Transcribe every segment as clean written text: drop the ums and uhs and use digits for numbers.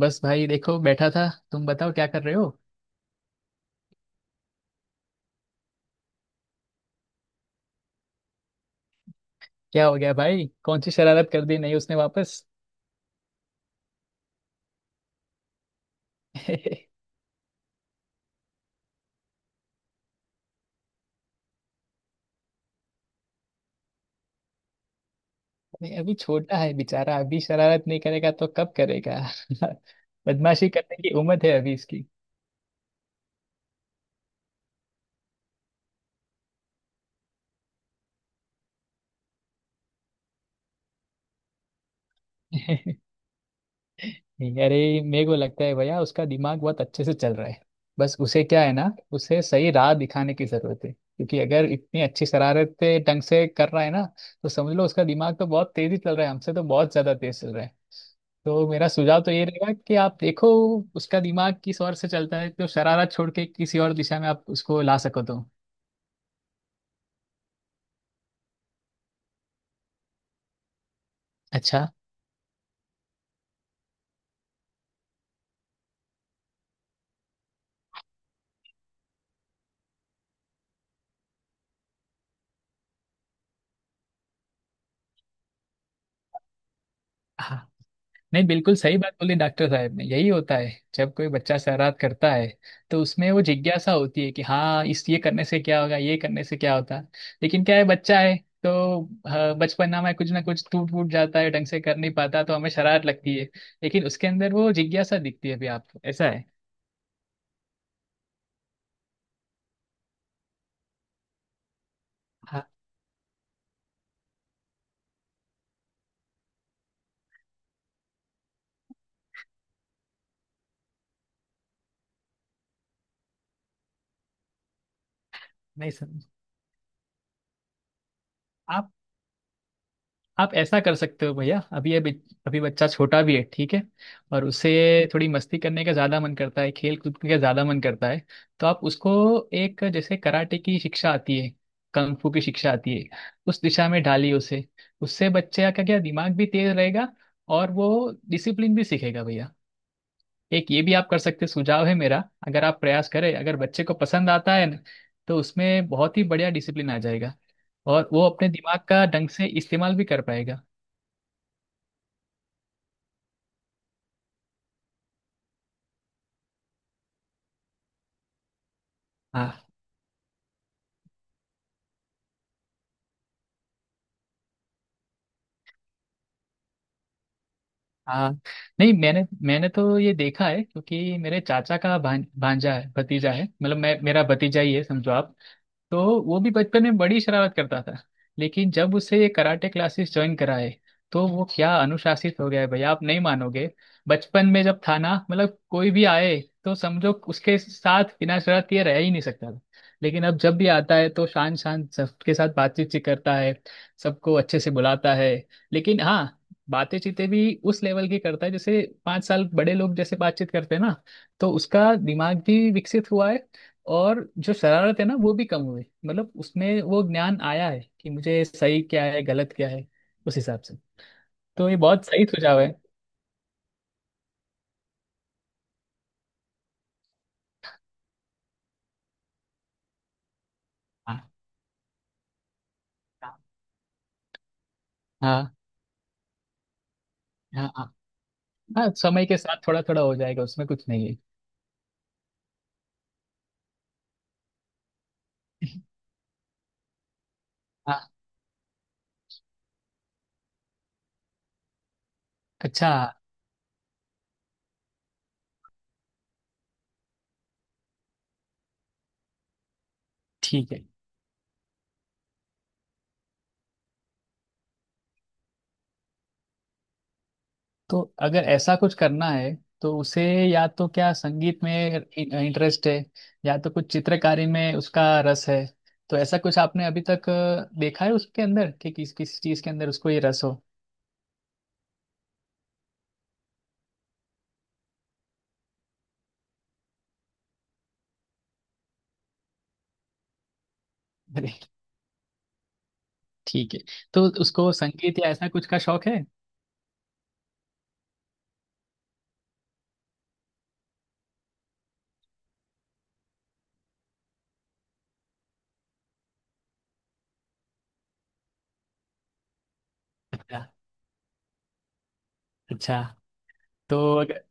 बस भाई देखो बैठा था। तुम बताओ क्या कर रहे हो? क्या हो गया भाई? कौन सी शरारत कर दी नहीं उसने वापस? नहीं, अभी छोटा है बेचारा। अभी शरारत नहीं करेगा तो कब करेगा? बदमाशी करने की उम्र है अभी इसकी। नहीं, अरे मेरे को लगता है भैया उसका दिमाग बहुत अच्छे से चल रहा है। बस उसे क्या है ना, उसे सही राह दिखाने की जरूरत है, क्योंकि अगर इतनी अच्छी शरारतें ढंग से कर रहा है ना, तो समझ लो उसका दिमाग तो बहुत तेजी चल रहा है, हमसे तो बहुत ज्यादा तेज चल रहा है। तो मेरा सुझाव तो ये रहेगा कि आप देखो उसका दिमाग किस ओर से चलता है, तो शरारत छोड़ के किसी और दिशा में आप उसको ला सको तो अच्छा। नहीं, बिल्कुल सही बात बोली डॉक्टर साहब ने, यही होता है जब कोई बच्चा शरारत करता है तो उसमें वो जिज्ञासा होती है कि हाँ, इस ये करने से क्या होगा, ये करने से क्या होता है। लेकिन क्या है, बच्चा है तो हाँ, बचपना में कुछ ना कुछ टूट फूट जाता है, ढंग से कर नहीं पाता तो हमें शरारत लगती है। लेकिन उसके अंदर वो जिज्ञासा दिखती है अभी आपको ऐसा है। हाँ। नहीं सर, आप आप ऐसा कर सकते हो भैया। अभी अभी अभी बच्चा छोटा भी है, ठीक है, और उसे थोड़ी मस्ती करने का ज़्यादा मन करता है, खेल कूद का ज़्यादा मन करता है। तो आप उसको, एक जैसे कराटे की शिक्षा आती है, कंग फू की शिक्षा आती है, उस दिशा में डालिए उसे। उससे बच्चे का क्या क्या, दिमाग भी तेज रहेगा और वो डिसिप्लिन भी सीखेगा भैया। एक ये भी आप कर सकते हैं, सुझाव है मेरा। अगर आप प्रयास करें, अगर बच्चे को पसंद आता है न, तो उसमें बहुत ही बढ़िया डिसिप्लिन आ जाएगा और वो अपने दिमाग का ढंग से इस्तेमाल भी कर पाएगा। हाँ हाँ। नहीं, मैंने मैंने तो ये देखा है, क्योंकि मेरे चाचा का भांजा है, भतीजा है, मतलब मैं मेरा भतीजा ही है समझो आप। तो वो भी बचपन में बड़ी शरारत करता था। लेकिन जब उसे ये कराटे क्लासेस ज्वाइन कराए, तो वो क्या अनुशासित हो गया है भैया, आप नहीं मानोगे। बचपन में जब था ना, मतलब कोई भी आए तो समझो उसके साथ बिना शरारत ये रह ही नहीं सकता था। लेकिन अब जब भी आता है तो शान शान सबके साथ बातचीत सी करता है, सबको अच्छे से बुलाता है। लेकिन हाँ, बातें चीतें भी उस लेवल की करता है, जैसे 5 साल बड़े लोग जैसे बातचीत करते हैं ना। तो उसका दिमाग भी विकसित हुआ है, और जो शरारत है ना वो भी कम हुई, मतलब उसमें वो ज्ञान आया है कि मुझे सही क्या है गलत क्या है, उस हिसाब से। तो ये बहुत सही सुझाव है। हाँ हाँ। हाँ हाँ। हाँ, समय के साथ थोड़ा थोड़ा हो जाएगा, उसमें कुछ नहीं है। हाँ। अच्छा। ठीक है। तो अगर ऐसा कुछ करना है तो उसे, या तो क्या संगीत में इंटरेस्ट है, या तो कुछ चित्रकारी में उसका रस है? तो ऐसा कुछ आपने अभी तक देखा है उसके अंदर कि किस किस चीज के अंदर उसको ये रस हो? ठीक है। तो उसको संगीत या ऐसा कुछ का शौक है? अच्छा। अच्छा। तो अगर,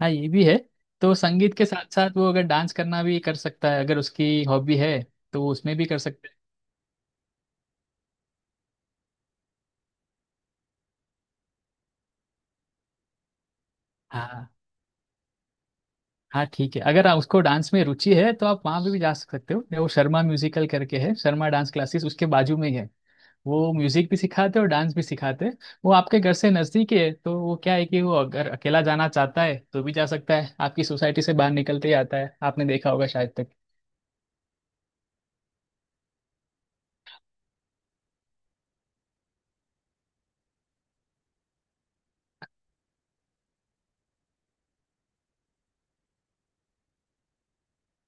हाँ ये भी है, तो संगीत के साथ साथ वो अगर डांस करना भी कर सकता है अगर उसकी हॉबी है, तो वो उसमें भी कर सकता है। हाँ। हाँ ठीक है, अगर उसको डांस में रुचि है तो आप वहाँ पे भी जा सकते हो। वो शर्मा म्यूजिकल करके है, शर्मा डांस क्लासेस, उसके बाजू में ही है। वो म्यूजिक भी सिखाते और डांस भी सिखाते हैं। वो आपके घर से नज़दीक ही है, तो वो क्या है कि वो अगर अकेला जाना चाहता है तो भी जा सकता है। आपकी सोसाइटी से बाहर निकलते ही आता है, आपने देखा होगा शायद तक।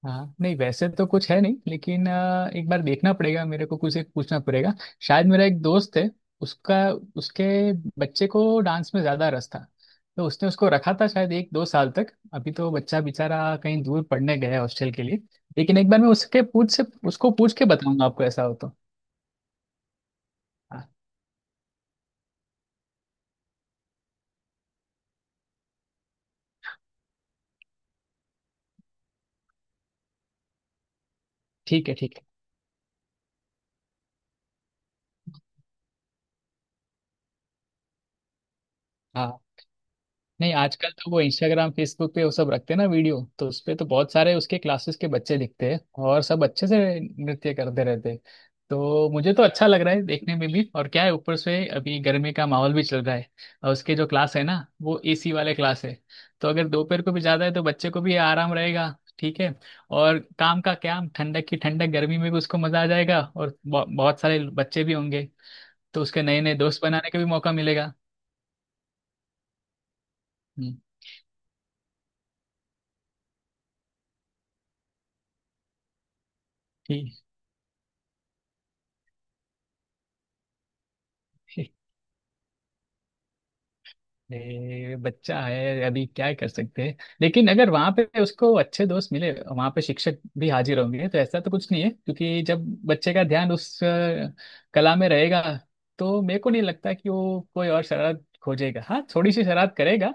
हाँ। नहीं, वैसे तो कुछ है नहीं, लेकिन एक बार देखना पड़ेगा मेरे को, कुछ एक पूछना पड़ेगा। शायद मेरा एक दोस्त है, उसका, उसके बच्चे को डांस में ज़्यादा रस था, तो उसने उसको रखा था शायद 1-2 साल तक। अभी तो बच्चा बेचारा कहीं दूर पढ़ने गया है हॉस्टल के लिए। लेकिन एक बार मैं उसके पूछ से उसको पूछ के बताऊंगा आपको, ऐसा हो तो। हाँ। ठीक है, ठीक है। हाँ। नहीं, आजकल तो वो इंस्टाग्राम फेसबुक पे वो सब रखते हैं ना वीडियो, तो उस पे तो बहुत सारे उसके क्लासेस के बच्चे दिखते हैं और सब अच्छे से नृत्य करते रहते हैं। तो मुझे तो अच्छा लग रहा है देखने में भी। और क्या है, ऊपर से अभी गर्मी का माहौल भी चल रहा है, और उसके जो क्लास है ना वो एसी वाले क्लास है। तो अगर दोपहर को भी ज़्यादा है तो बच्चे को भी आराम रहेगा, ठीक है, और काम का क्या ठंडक की ठंडक, गर्मी में भी उसको मज़ा आ जाएगा। और बहुत सारे बच्चे भी होंगे, तो उसके नए नए दोस्त बनाने का भी मौका मिलेगा। हम्म। ठीक। ये बच्चा है, अभी क्या कर सकते हैं। लेकिन अगर वहाँ पे उसको अच्छे दोस्त मिले, वहाँ पे शिक्षक भी हाजिर होंगे तो ऐसा तो कुछ नहीं है, क्योंकि जब बच्चे का ध्यान उस कला में रहेगा, तो मेरे को नहीं लगता कि वो कोई और शरारत खोजेगा। हाँ थोड़ी सी शरारत करेगा,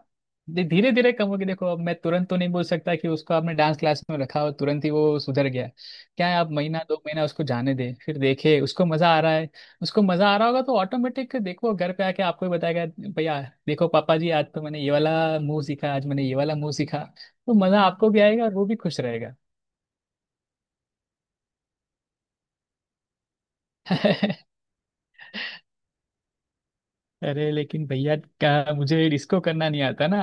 धीरे धीरे कम होगी। देखो अब मैं तुरंत तो नहीं बोल सकता कि उसको आपने डांस क्लास में रखा और तुरंत ही वो सुधर गया। क्या है, आप महीना दो महीना उसको जाने दें फिर देखे उसको मजा आ रहा है। उसको मजा आ रहा होगा तो ऑटोमेटिक देखो घर पे आके आपको ही बताएगा, भैया देखो पापा जी, आज तो मैंने ये वाला मुंह सीखा, आज मैंने ये वाला मुंह सीखा। तो मजा आपको भी आएगा और वो भी खुश रहेगा। अरे लेकिन भैया क्या, मुझे इसको करना नहीं आता ना।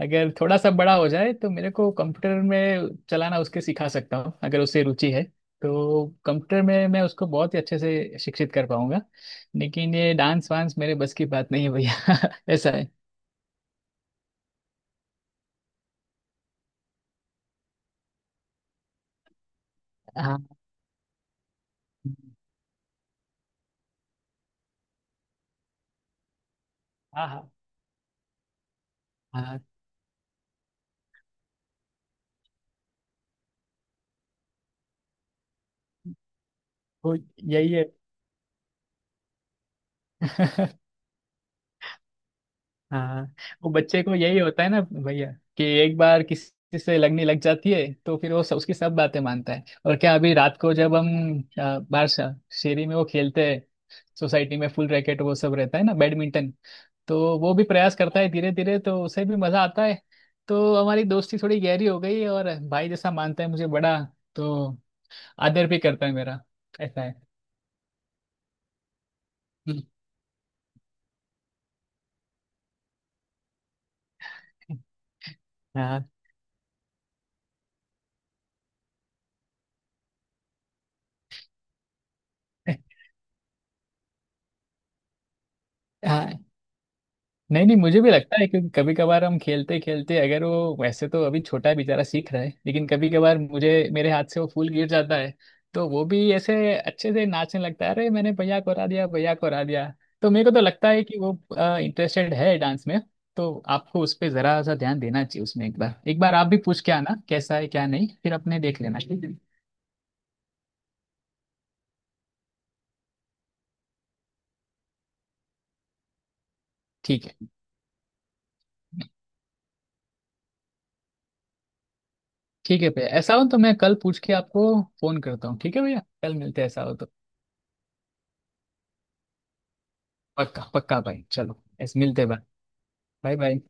अगर थोड़ा सा बड़ा हो जाए तो मेरे को कंप्यूटर में चलाना उसके सिखा सकता हूँ, अगर उससे रुचि है। तो कंप्यूटर में मैं उसको बहुत ही अच्छे से शिक्षित कर पाऊंगा, लेकिन ये डांस वांस मेरे बस की बात नहीं है भैया। ऐसा है। हाँ हाँ। हाँ हाँ। वो यही है। हाँ। वो बच्चे को यही होता है ना भैया, कि एक बार किसी से लगने लग जाती है तो फिर वो सब, उसकी सब बातें मानता है। और क्या, अभी रात को जब हम बाहर शेरी में वो खेलते हैं, सोसाइटी में फुल रैकेट वो सब रहता है ना बैडमिंटन, तो वो भी प्रयास करता है धीरे धीरे, तो उसे भी मजा आता है। तो हमारी दोस्ती थोड़ी गहरी हो गई है और भाई जैसा मानता है मुझे, बड़ा तो आदर भी करता है मेरा। ऐसा है। हम्म। हाँ हाँ। नहीं नहीं, मुझे भी लगता है, क्योंकि कभी कभार हम खेलते खेलते अगर वो, वैसे तो अभी छोटा है बेचारा सीख रहा है, लेकिन कभी कभार मुझे मेरे हाथ से वो फूल गिर जाता है, तो वो भी ऐसे अच्छे से नाचने लगता है, अरे मैंने भैया को हरा दिया, भैया को हरा दिया। तो मेरे को तो लगता है कि वो इंटरेस्टेड है डांस में। तो आपको उस पर जरा सा ध्यान देना चाहिए, उसमें एक बार, एक बार आप भी पूछ के आना कैसा है क्या नहीं, फिर अपने देख लेना, ठीक है। ठीक है, ठीक है भैया, ऐसा हो तो मैं कल पूछ के आपको फोन करता हूँ। ठीक है भैया, कल मिलते हैं ऐसा हो तो। पक्का पक्का भाई, चलो ऐसे मिलते हैं भाई। Bye bye.